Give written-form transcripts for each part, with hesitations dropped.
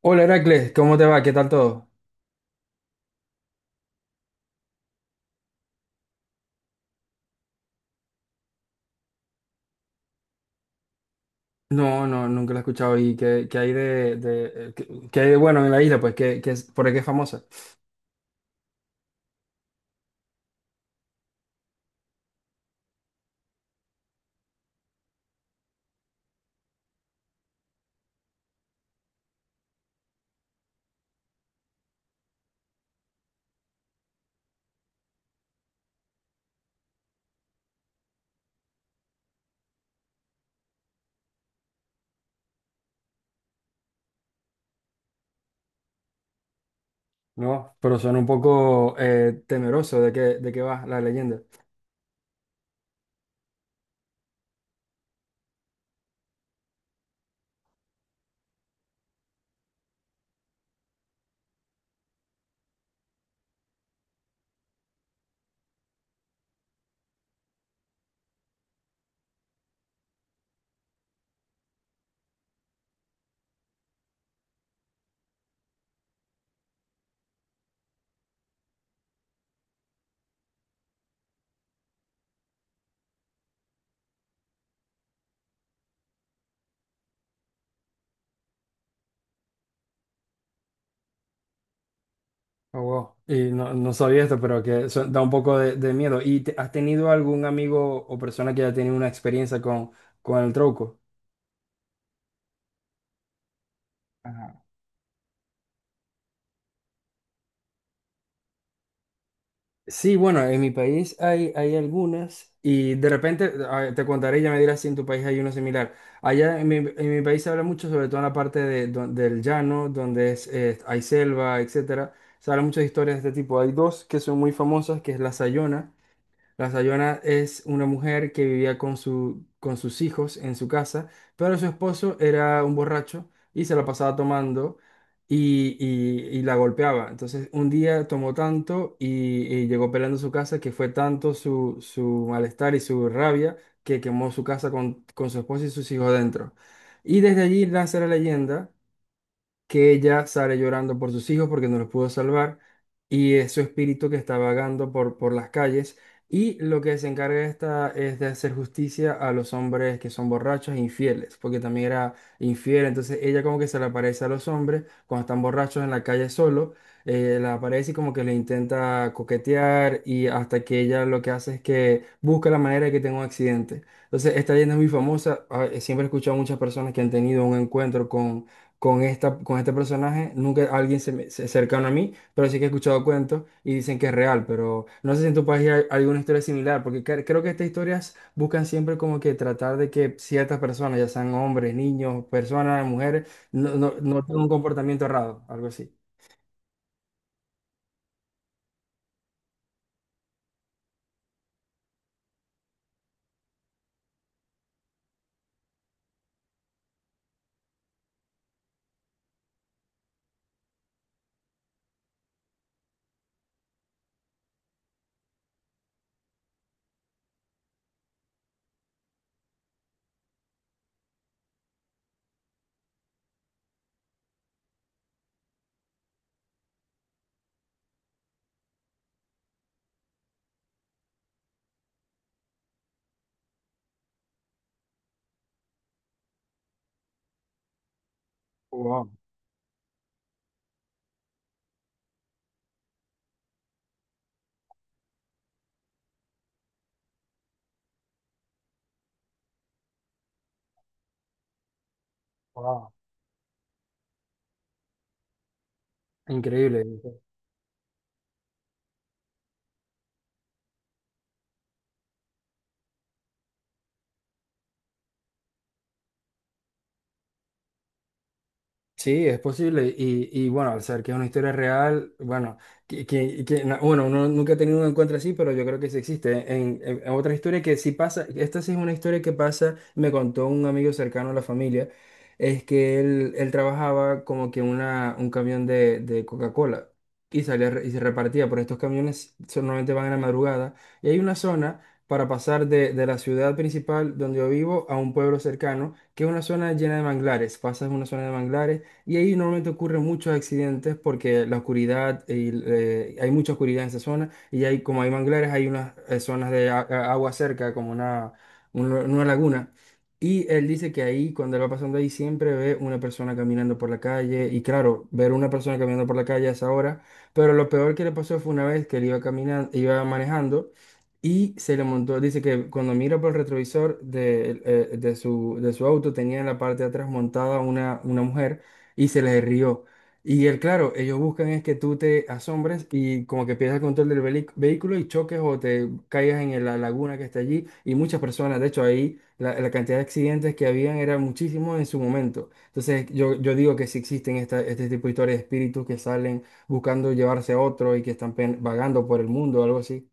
Hola Heracles, ¿cómo te va? ¿Qué tal todo? No, no, nunca lo he escuchado. ¿Y qué hay de qué hay de bueno en la isla? Pues ¿qué es, por qué es famosa? No, pero suena un poco temeroso de de qué va la leyenda. Oh, wow. Y no, no sabía esto, pero da un poco de miedo. ¿Y has tenido algún amigo o persona que haya tenido una experiencia con el truco? Sí, bueno, en mi país hay algunas y de repente te contaré y ya me dirás si en tu país hay uno similar. Allá en mi país se habla mucho, sobre todo en la parte de del llano, donde es, hay selva, etcétera. Se habla muchas historias de este tipo. Hay dos que son muy famosas, que es la Sayona. La Sayona es una mujer que vivía con con sus hijos en su casa, pero su esposo era un borracho y se la pasaba tomando y la golpeaba. Entonces un día tomó y llegó peleando a su casa, que fue tanto su malestar y su rabia que quemó su casa con su esposo y sus hijos dentro. Y desde allí nace la leyenda que ella sale llorando por sus hijos porque no los pudo salvar, y es su espíritu que está vagando por las calles, y lo que se encarga esta es de hacer justicia a los hombres que son borrachos e infieles, porque también era infiel. Entonces ella como que se le aparece a los hombres cuando están borrachos en la calle solo, la aparece y como que le intenta coquetear, y hasta que ella lo que hace es que busca la manera de que tenga un accidente. Entonces esta leyenda es muy famosa, siempre he escuchado a muchas personas que han tenido un encuentro con este personaje. Nunca alguien cercano a mí, pero sí que he escuchado cuentos y dicen que es real, pero no sé si en tu país hay alguna historia similar, porque creo que estas historias buscan siempre como que tratar de que ciertas personas, ya sean hombres, niños, personas, mujeres, no tengan un comportamiento errado, algo así. Wow, wow. Increíble. Sí, es posible. Y bueno, al ser que es una historia real, bueno, bueno, uno nunca ha tenido un encuentro así, pero yo creo que sí existe. En, en otra historia que sí pasa, esta sí es una historia que pasa, me contó un amigo cercano a la familia. Es que él trabajaba como que un camión de Coca-Cola y se repartía, pero estos camiones solamente van en la madrugada, y hay una zona para pasar de la ciudad principal donde yo vivo a un pueblo cercano, que es una zona llena de manglares. Pasas una zona de manglares y ahí normalmente ocurren muchos accidentes porque la oscuridad, y, hay mucha oscuridad en esa zona, y hay, como hay manglares, hay unas zonas de agua cerca, como una laguna. Y él dice que ahí, cuando él va pasando ahí, siempre ve una persona caminando por la calle. Y claro, ver una persona caminando por la calle a esa hora. Pero lo peor que le pasó fue una vez que él iba caminando, iba manejando, y se le montó. Dice que cuando mira por el retrovisor de su auto, tenía en la parte de atrás montada una mujer, y se le rió. Y él, claro, ellos buscan es que tú te asombres y como que pierdas el control del vehículo y choques o te caigas en la laguna que está allí. Y muchas personas, de hecho, ahí la cantidad de accidentes que habían era muchísimo en su momento. Entonces, yo digo que si existen este tipo de historias de espíritus que salen buscando llevarse a otro y que están vagando por el mundo o algo así.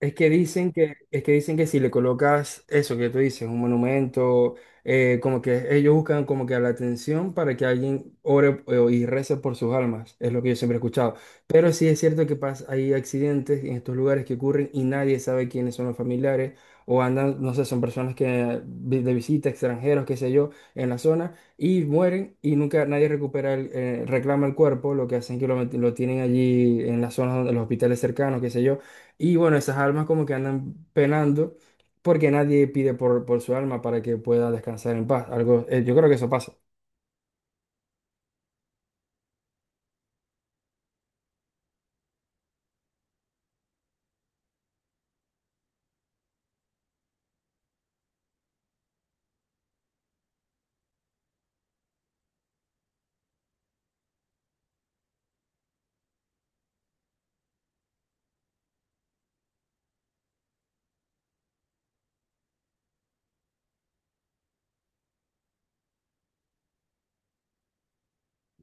Es que dicen que, es que dicen que si le colocas eso que tú dices, un monumento, como que ellos buscan como que la atención para que alguien ore y rece por sus almas, es lo que yo siempre he escuchado. Pero sí es cierto que pasa, hay accidentes en estos lugares que ocurren y nadie sabe quiénes son los familiares, o andan, no sé, son personas que de visita, extranjeros, qué sé yo, en la zona, y mueren y nunca nadie recupera el, reclama el cuerpo. Lo que hacen que lo, lo tienen allí en las zonas donde los hospitales cercanos, qué sé yo, y bueno, esas almas como que andan penando porque nadie pide por su alma para que pueda descansar en paz. Algo, yo creo que eso pasa.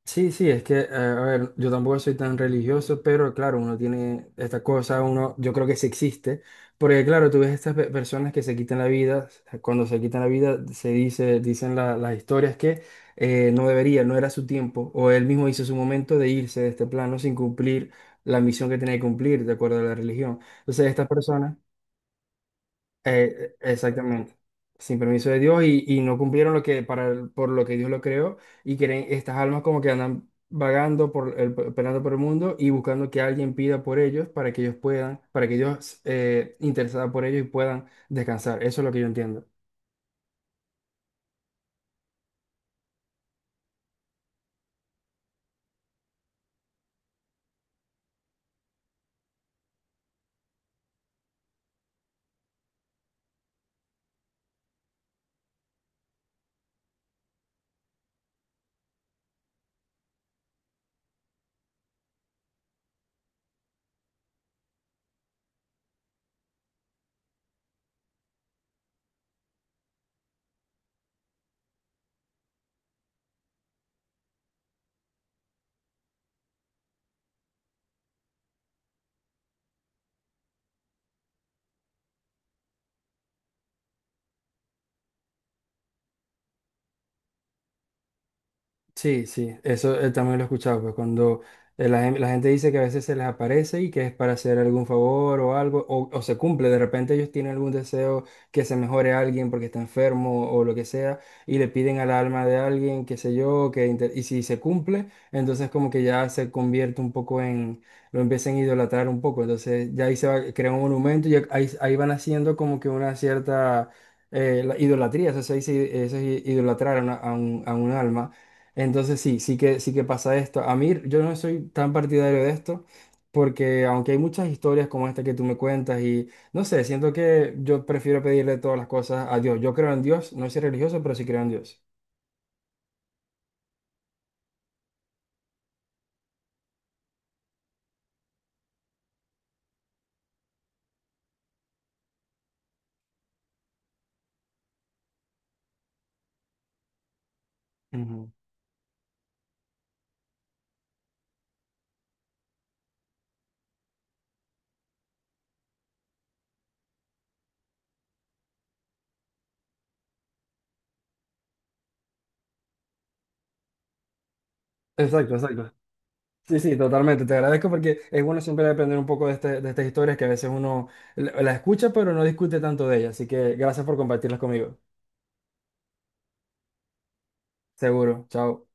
Sí, sí, es que, a ver, yo tampoco soy tan religioso, pero claro, uno tiene esta cosa, uno, yo creo que sí existe, porque claro, tú ves estas personas que se quitan la vida. Cuando se quitan la vida se dice, dicen las historias que no debería, no era su tiempo, o él mismo hizo su momento de irse de este plano sin cumplir la misión que tenía que cumplir, de acuerdo a la religión. Entonces, estas personas... exactamente. Sin permiso de Dios, y no cumplieron lo que por lo que Dios lo creó, y creen estas almas como que andan vagando por el, pelando por el mundo y buscando que alguien pida por ellos, para que ellos puedan, para que Dios interesada por ellos y puedan descansar. Eso es lo que yo entiendo. Sí, sí, eso, también lo he escuchado, pues cuando la gente dice que a veces se les aparece y que es para hacer algún favor o algo, o se cumple, de repente ellos tienen algún deseo que se mejore a alguien porque está enfermo o lo que sea, y le piden al alma de alguien, qué sé yo, que y si se cumple, entonces como que ya se convierte un poco en, lo empiezan a idolatrar un poco, entonces ya ahí se va, crea un monumento y ahí, ahí van haciendo como que una cierta... la idolatría, eso se dice, eso es idolatrar a a un alma. Entonces sí, sí que pasa esto. A mí yo no soy tan partidario de esto porque aunque hay muchas historias como esta que tú me cuentas, y no sé, siento que yo prefiero pedirle todas las cosas a Dios. Yo creo en Dios, no soy religioso, pero sí creo en Dios. Ujú. Exacto, exacto. Sí, sí, totalmente. Te agradezco porque es bueno siempre aprender un poco de, de estas historias que a veces uno la escucha pero no discute tanto de ellas. Así que gracias por compartirlas conmigo. Seguro. Chao.